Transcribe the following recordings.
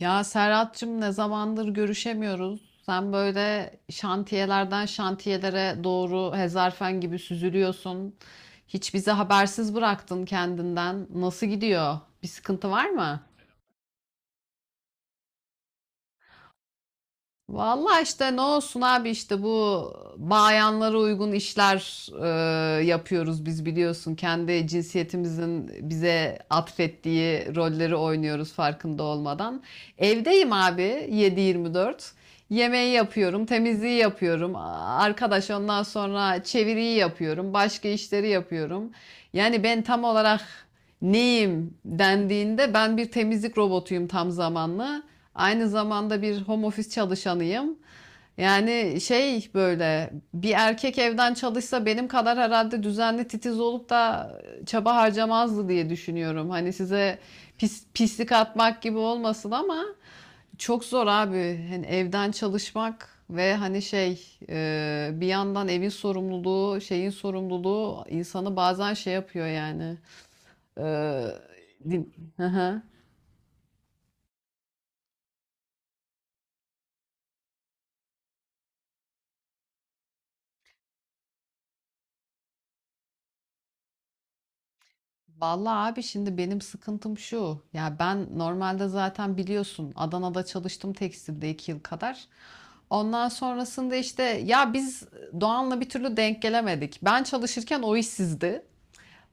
Ya Serhat'cığım ne zamandır görüşemiyoruz. Sen böyle şantiyelerden şantiyelere doğru hezarfen gibi süzülüyorsun. Hiç bizi habersiz bıraktın kendinden. Nasıl gidiyor? Bir sıkıntı var mı? Vallahi işte ne olsun abi işte bu bayanlara uygun işler yapıyoruz biz biliyorsun. Kendi cinsiyetimizin bize atfettiği rolleri oynuyoruz farkında olmadan. Evdeyim abi 7-24. Yemeği yapıyorum, temizliği yapıyorum. Arkadaş ondan sonra çeviriyi yapıyorum, başka işleri yapıyorum. Yani ben tam olarak neyim dendiğinde ben bir temizlik robotuyum tam zamanlı. Aynı zamanda bir home office çalışanıyım. Yani şey böyle bir erkek evden çalışsa benim kadar herhalde düzenli titiz olup da çaba harcamazdı diye düşünüyorum. Hani size pis, pislik atmak gibi olmasın ama çok zor abi. Hani evden çalışmak ve hani şey bir yandan evin sorumluluğu, şeyin sorumluluğu insanı bazen şey yapıyor yani. E, Hı hı. Vallahi abi şimdi benim sıkıntım şu. Ya ben normalde zaten biliyorsun Adana'da çalıştım tekstilde 2 yıl kadar. Ondan sonrasında işte ya biz Doğan'la bir türlü denk gelemedik. Ben çalışırken o işsizdi.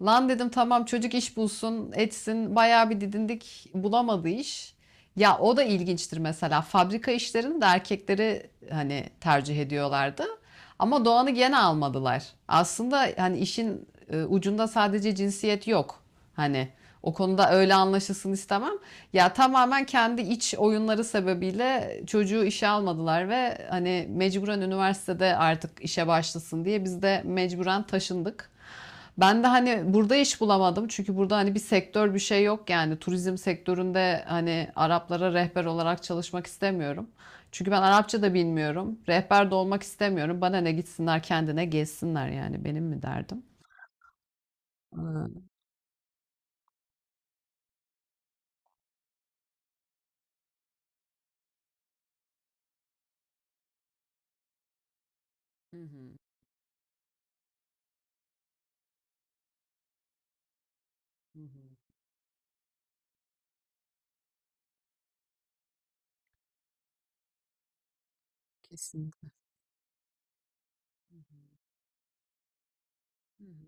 Lan dedim tamam çocuk iş bulsun, etsin. Bayağı bir didindik. Bulamadı iş. Ya o da ilginçtir mesela. Fabrika işlerini de erkekleri hani tercih ediyorlardı. Ama Doğan'ı gene almadılar. Aslında hani işin ucunda sadece cinsiyet yok. Hani o konuda öyle anlaşılsın istemem. Ya tamamen kendi iç oyunları sebebiyle çocuğu işe almadılar ve hani mecburen üniversitede artık işe başlasın diye biz de mecburen taşındık. Ben de hani burada iş bulamadım. Çünkü burada hani bir sektör bir şey yok yani. Turizm sektöründe hani Araplara rehber olarak çalışmak istemiyorum. Çünkü ben Arapça da bilmiyorum. Rehber de olmak istemiyorum. Bana ne gitsinler kendine gezsinler yani benim mi derdim? Aa, hı hı, hı hı. Kesinlikle. Hı hı, hı hı.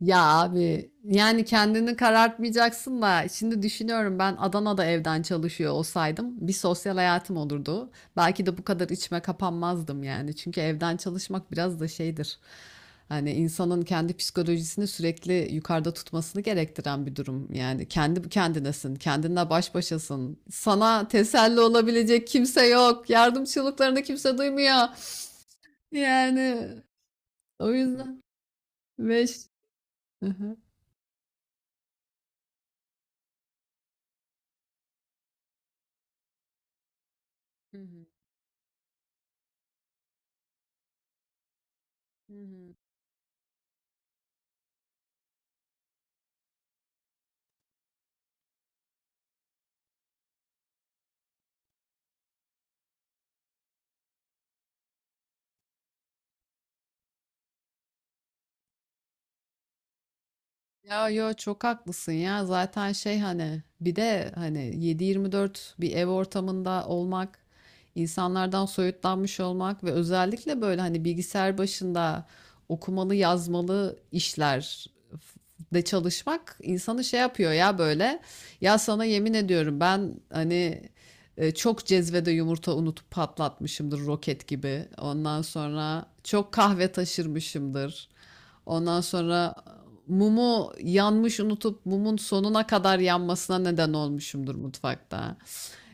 Ya abi yani kendini karartmayacaksın da şimdi düşünüyorum ben Adana'da evden çalışıyor olsaydım bir sosyal hayatım olurdu. Belki de bu kadar içime kapanmazdım yani. Çünkü evden çalışmak biraz da şeydir. Hani insanın kendi psikolojisini sürekli yukarıda tutmasını gerektiren bir durum. Yani kendi kendinesin, kendinle baş başasın. Sana teselli olabilecek kimse yok. Yardım çığlıklarını kimse duymuyor. Yani o yüzden beş. Hı hı. Hı hı. Hı hı. Ya yo çok haklısın ya zaten şey hani bir de hani 7-24 bir ev ortamında olmak insanlardan soyutlanmış olmak ve özellikle böyle hani bilgisayar başında okumalı yazmalı işler de çalışmak insanı şey yapıyor ya böyle ya sana yemin ediyorum ben hani çok cezvede yumurta unutup patlatmışımdır roket gibi ondan sonra çok kahve taşırmışımdır. Ondan sonra mumu yanmış unutup mumun sonuna kadar yanmasına neden olmuşumdur mutfakta.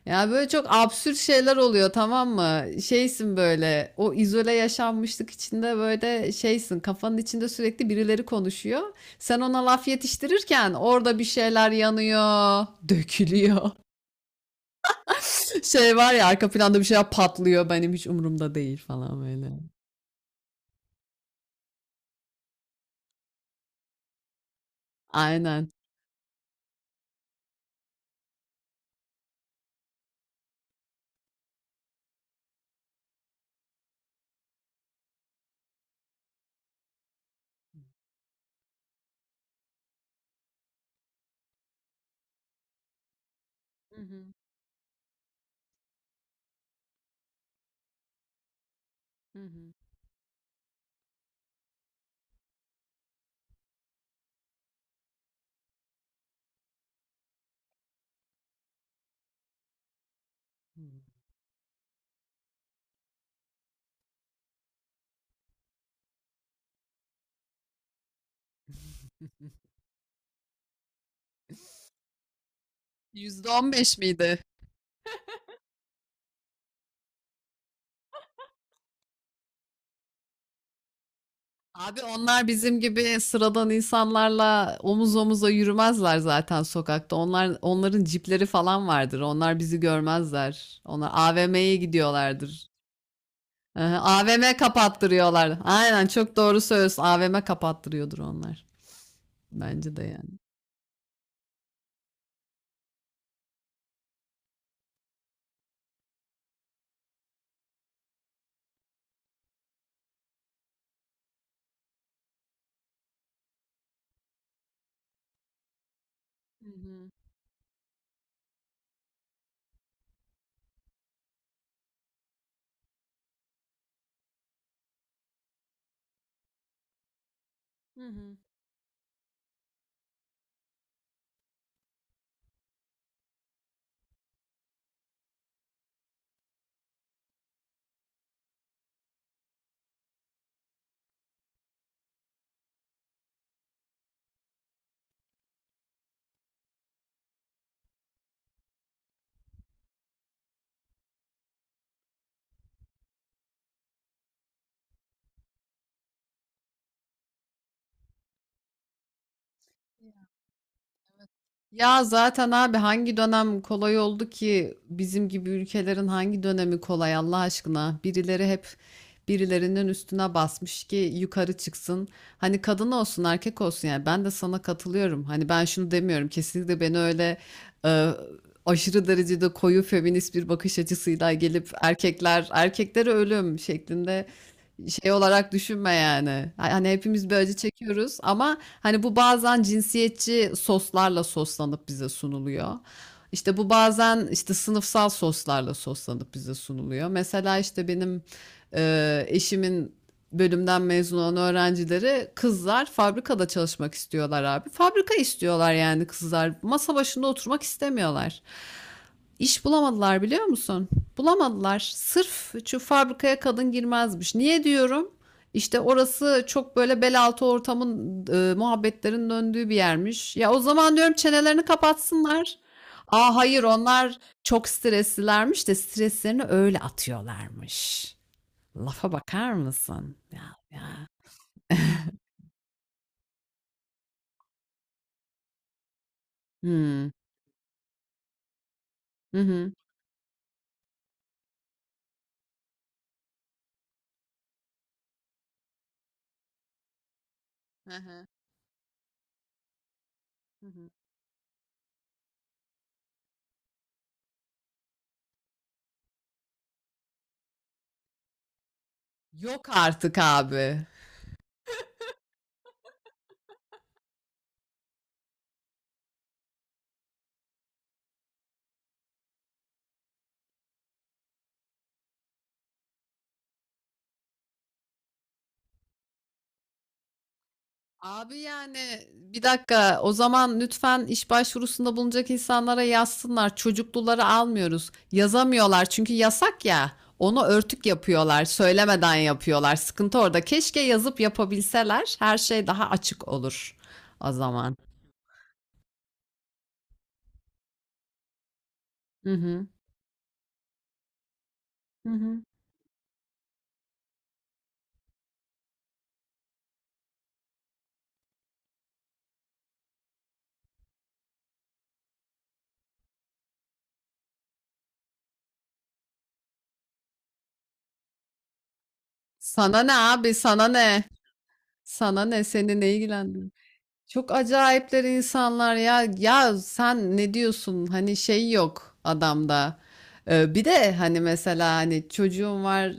Ya böyle çok absürt şeyler oluyor tamam mı? Şeysin böyle o izole yaşanmışlık içinde böyle şeysin kafanın içinde sürekli birileri konuşuyor. Sen ona laf yetiştirirken orada bir şeyler yanıyor, dökülüyor. Şey var ya arka planda bir şeyler patlıyor benim hiç umurumda değil falan böyle. Aynen. Hı hı, hı hı, hı. %15 miydi? Abi onlar bizim gibi sıradan insanlarla omuz omuza yürümezler zaten sokakta. Onlar onların cipleri falan vardır. Onlar bizi görmezler. Onlar AVM'ye gidiyorlardır. Aha, AVM kapattırıyorlar. Aynen çok doğru söylüyorsun. AVM kapattırıyordur onlar. Bence de yani. Hı hı. Hı hı. Ya zaten abi hangi dönem kolay oldu ki bizim gibi ülkelerin hangi dönemi kolay Allah aşkına? Birileri hep birilerinin üstüne basmış ki yukarı çıksın. Hani kadın olsun erkek olsun yani ben de sana katılıyorum. Hani ben şunu demiyorum kesinlikle beni öyle e, aşırı derecede koyu feminist bir bakış açısıyla gelip erkekler erkeklere ölüm şeklinde şey olarak düşünme yani. Hani hepimiz bir acı çekiyoruz ama hani bu bazen cinsiyetçi soslarla soslanıp bize sunuluyor. İşte bu bazen işte sınıfsal soslarla soslanıp bize sunuluyor. Mesela işte benim eşimin bölümden mezun olan öğrencileri kızlar fabrikada çalışmak istiyorlar abi. Fabrika istiyorlar yani kızlar. Masa başında oturmak istemiyorlar. İş bulamadılar biliyor musun? Bulamadılar. Sırf şu fabrikaya kadın girmezmiş. Niye diyorum? İşte orası çok böyle bel altı ortamın muhabbetlerin döndüğü bir yermiş. Ya o zaman diyorum çenelerini kapatsınlar. Aa hayır onlar çok streslilermiş de streslerini öyle atıyorlarmış. Lafa bakar mısın? Ya ya. Hmm. Hı hı. Hı hı. Hı hı. Yok artık abi. Abi yani bir dakika o zaman lütfen iş başvurusunda bulunacak insanlara yazsınlar. Çocukluları almıyoruz. Yazamıyorlar çünkü yasak ya. Onu örtük yapıyorlar, söylemeden yapıyorlar. Sıkıntı orada. Keşke yazıp yapabilseler her şey daha açık olur o zaman. Hı hı. Hı hı. Sana ne abi? Sana ne? Sana ne? Seni ne ilgilendiriyor? Çok acayipler insanlar ya. Ya sen ne diyorsun? Hani şey yok adamda. Bir de hani mesela hani çocuğun var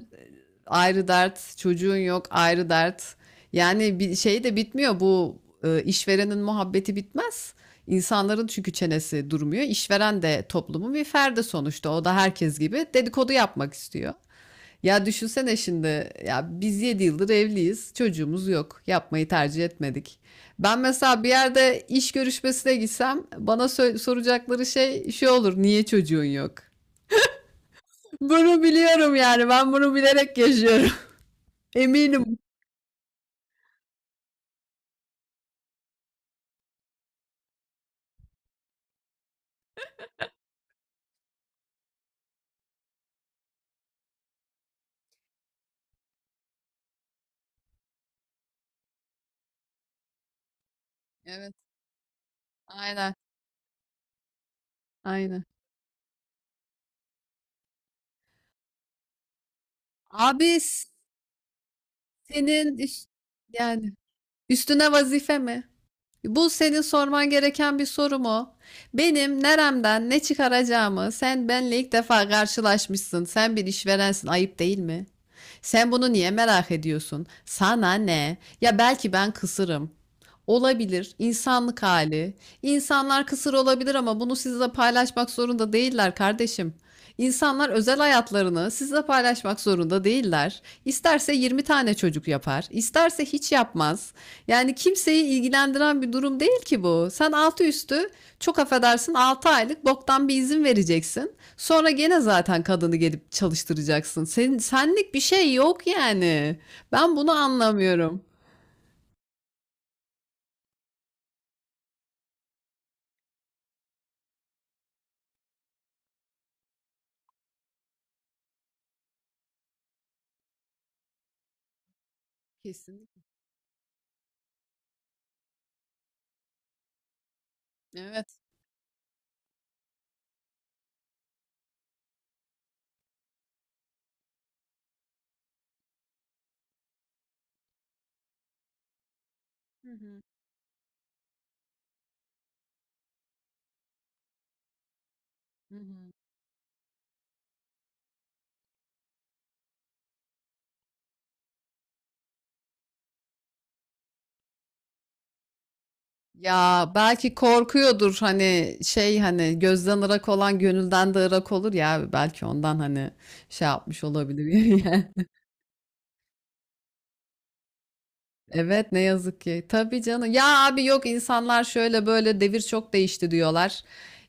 ayrı dert, çocuğun yok ayrı dert. Yani bir şey de bitmiyor bu işverenin muhabbeti bitmez. İnsanların çünkü çenesi durmuyor. İşveren de toplumun bir ferdi sonuçta. O da herkes gibi dedikodu yapmak istiyor. Ya düşünsene şimdi ya biz 7 yıldır evliyiz. Çocuğumuz yok. Yapmayı tercih etmedik. Ben mesela bir yerde iş görüşmesine gitsem bana soracakları şey şu olur. Niye çocuğun yok? Bunu biliyorum yani. Ben bunu bilerek yaşıyorum. Eminim. Evet, aynen, aynen. Abi senin üst- yani üstüne vazife mi? Bu senin sorman gereken bir soru mu? Benim neremden ne çıkaracağımı sen benle ilk defa karşılaşmışsın. Sen bir işverensin, ayıp değil mi? Sen bunu niye merak ediyorsun? Sana ne? Ya belki ben kısırım. Olabilir, insanlık hali. İnsanlar kısır olabilir ama bunu sizle paylaşmak zorunda değiller kardeşim. İnsanlar özel hayatlarını sizle paylaşmak zorunda değiller. İsterse 20 tane çocuk yapar, isterse hiç yapmaz. Yani kimseyi ilgilendiren bir durum değil ki bu. Sen altı üstü çok affedersin 6 aylık boktan bir izin vereceksin. Sonra gene zaten kadını gelip çalıştıracaksın. Senin senlik bir şey yok yani. Ben bunu anlamıyorum. Kesinlikle. Evet. Hı hı. Hı hı. Ya belki korkuyordur hani şey hani gözden ırak olan gönülden de ırak olur ya belki ondan hani şey yapmış olabilir. Evet ne yazık ki. Tabii canım. Ya abi yok insanlar şöyle böyle devir çok değişti diyorlar.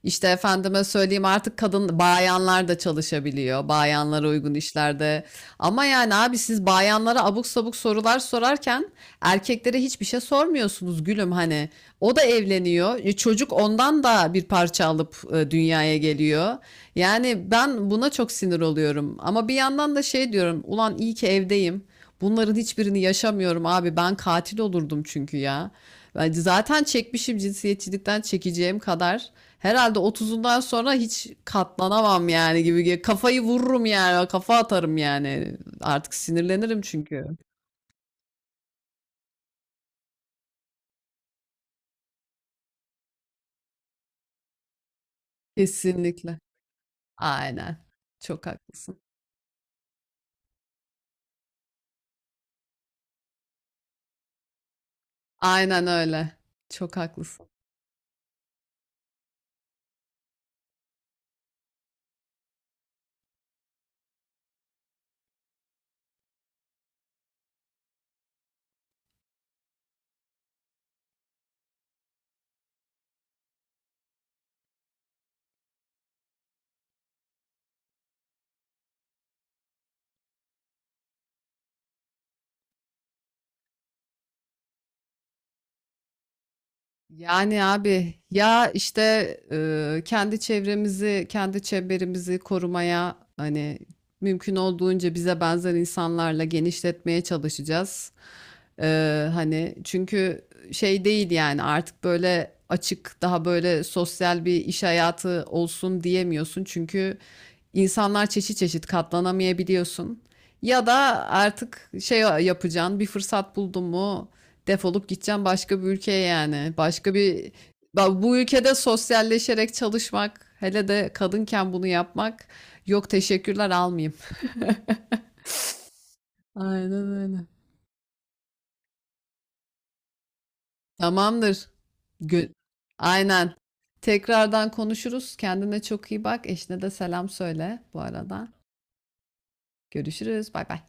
İşte efendime söyleyeyim artık kadın bayanlar da çalışabiliyor. Bayanlara uygun işlerde. Ama yani abi siz bayanlara abuk sabuk sorular sorarken erkeklere hiçbir şey sormuyorsunuz gülüm hani. O da evleniyor. Çocuk ondan da bir parça alıp dünyaya geliyor. Yani ben buna çok sinir oluyorum. Ama bir yandan da şey diyorum. Ulan iyi ki evdeyim. Bunların hiçbirini yaşamıyorum abi. Ben katil olurdum çünkü ya. Ben zaten çekmişim cinsiyetçilikten çekeceğim kadar. Herhalde otuzundan sonra hiç katlanamam yani gibi. Kafayı vururum yani. Kafa atarım yani. Artık sinirlenirim çünkü. Kesinlikle. Aynen. Çok haklısın. Aynen öyle. Çok haklısın. Yani abi ya işte kendi çevremizi, kendi çemberimizi korumaya hani mümkün olduğunca bize benzer insanlarla genişletmeye çalışacağız. Hani çünkü şey değil yani artık böyle açık daha böyle sosyal bir iş hayatı olsun diyemiyorsun. Çünkü insanlar çeşit çeşit katlanamayabiliyorsun. Ya da artık şey yapacaksın bir fırsat buldun mu defolup gideceksin başka bir ülkeye yani. Bu ülkede sosyalleşerek çalışmak hele de kadınken bunu yapmak yok teşekkürler almayayım. Aynen öyle. Tamamdır. Gö- Aynen. Tekrardan konuşuruz. Kendine çok iyi bak. Eşine de selam söyle bu arada. Görüşürüz. Bay bay.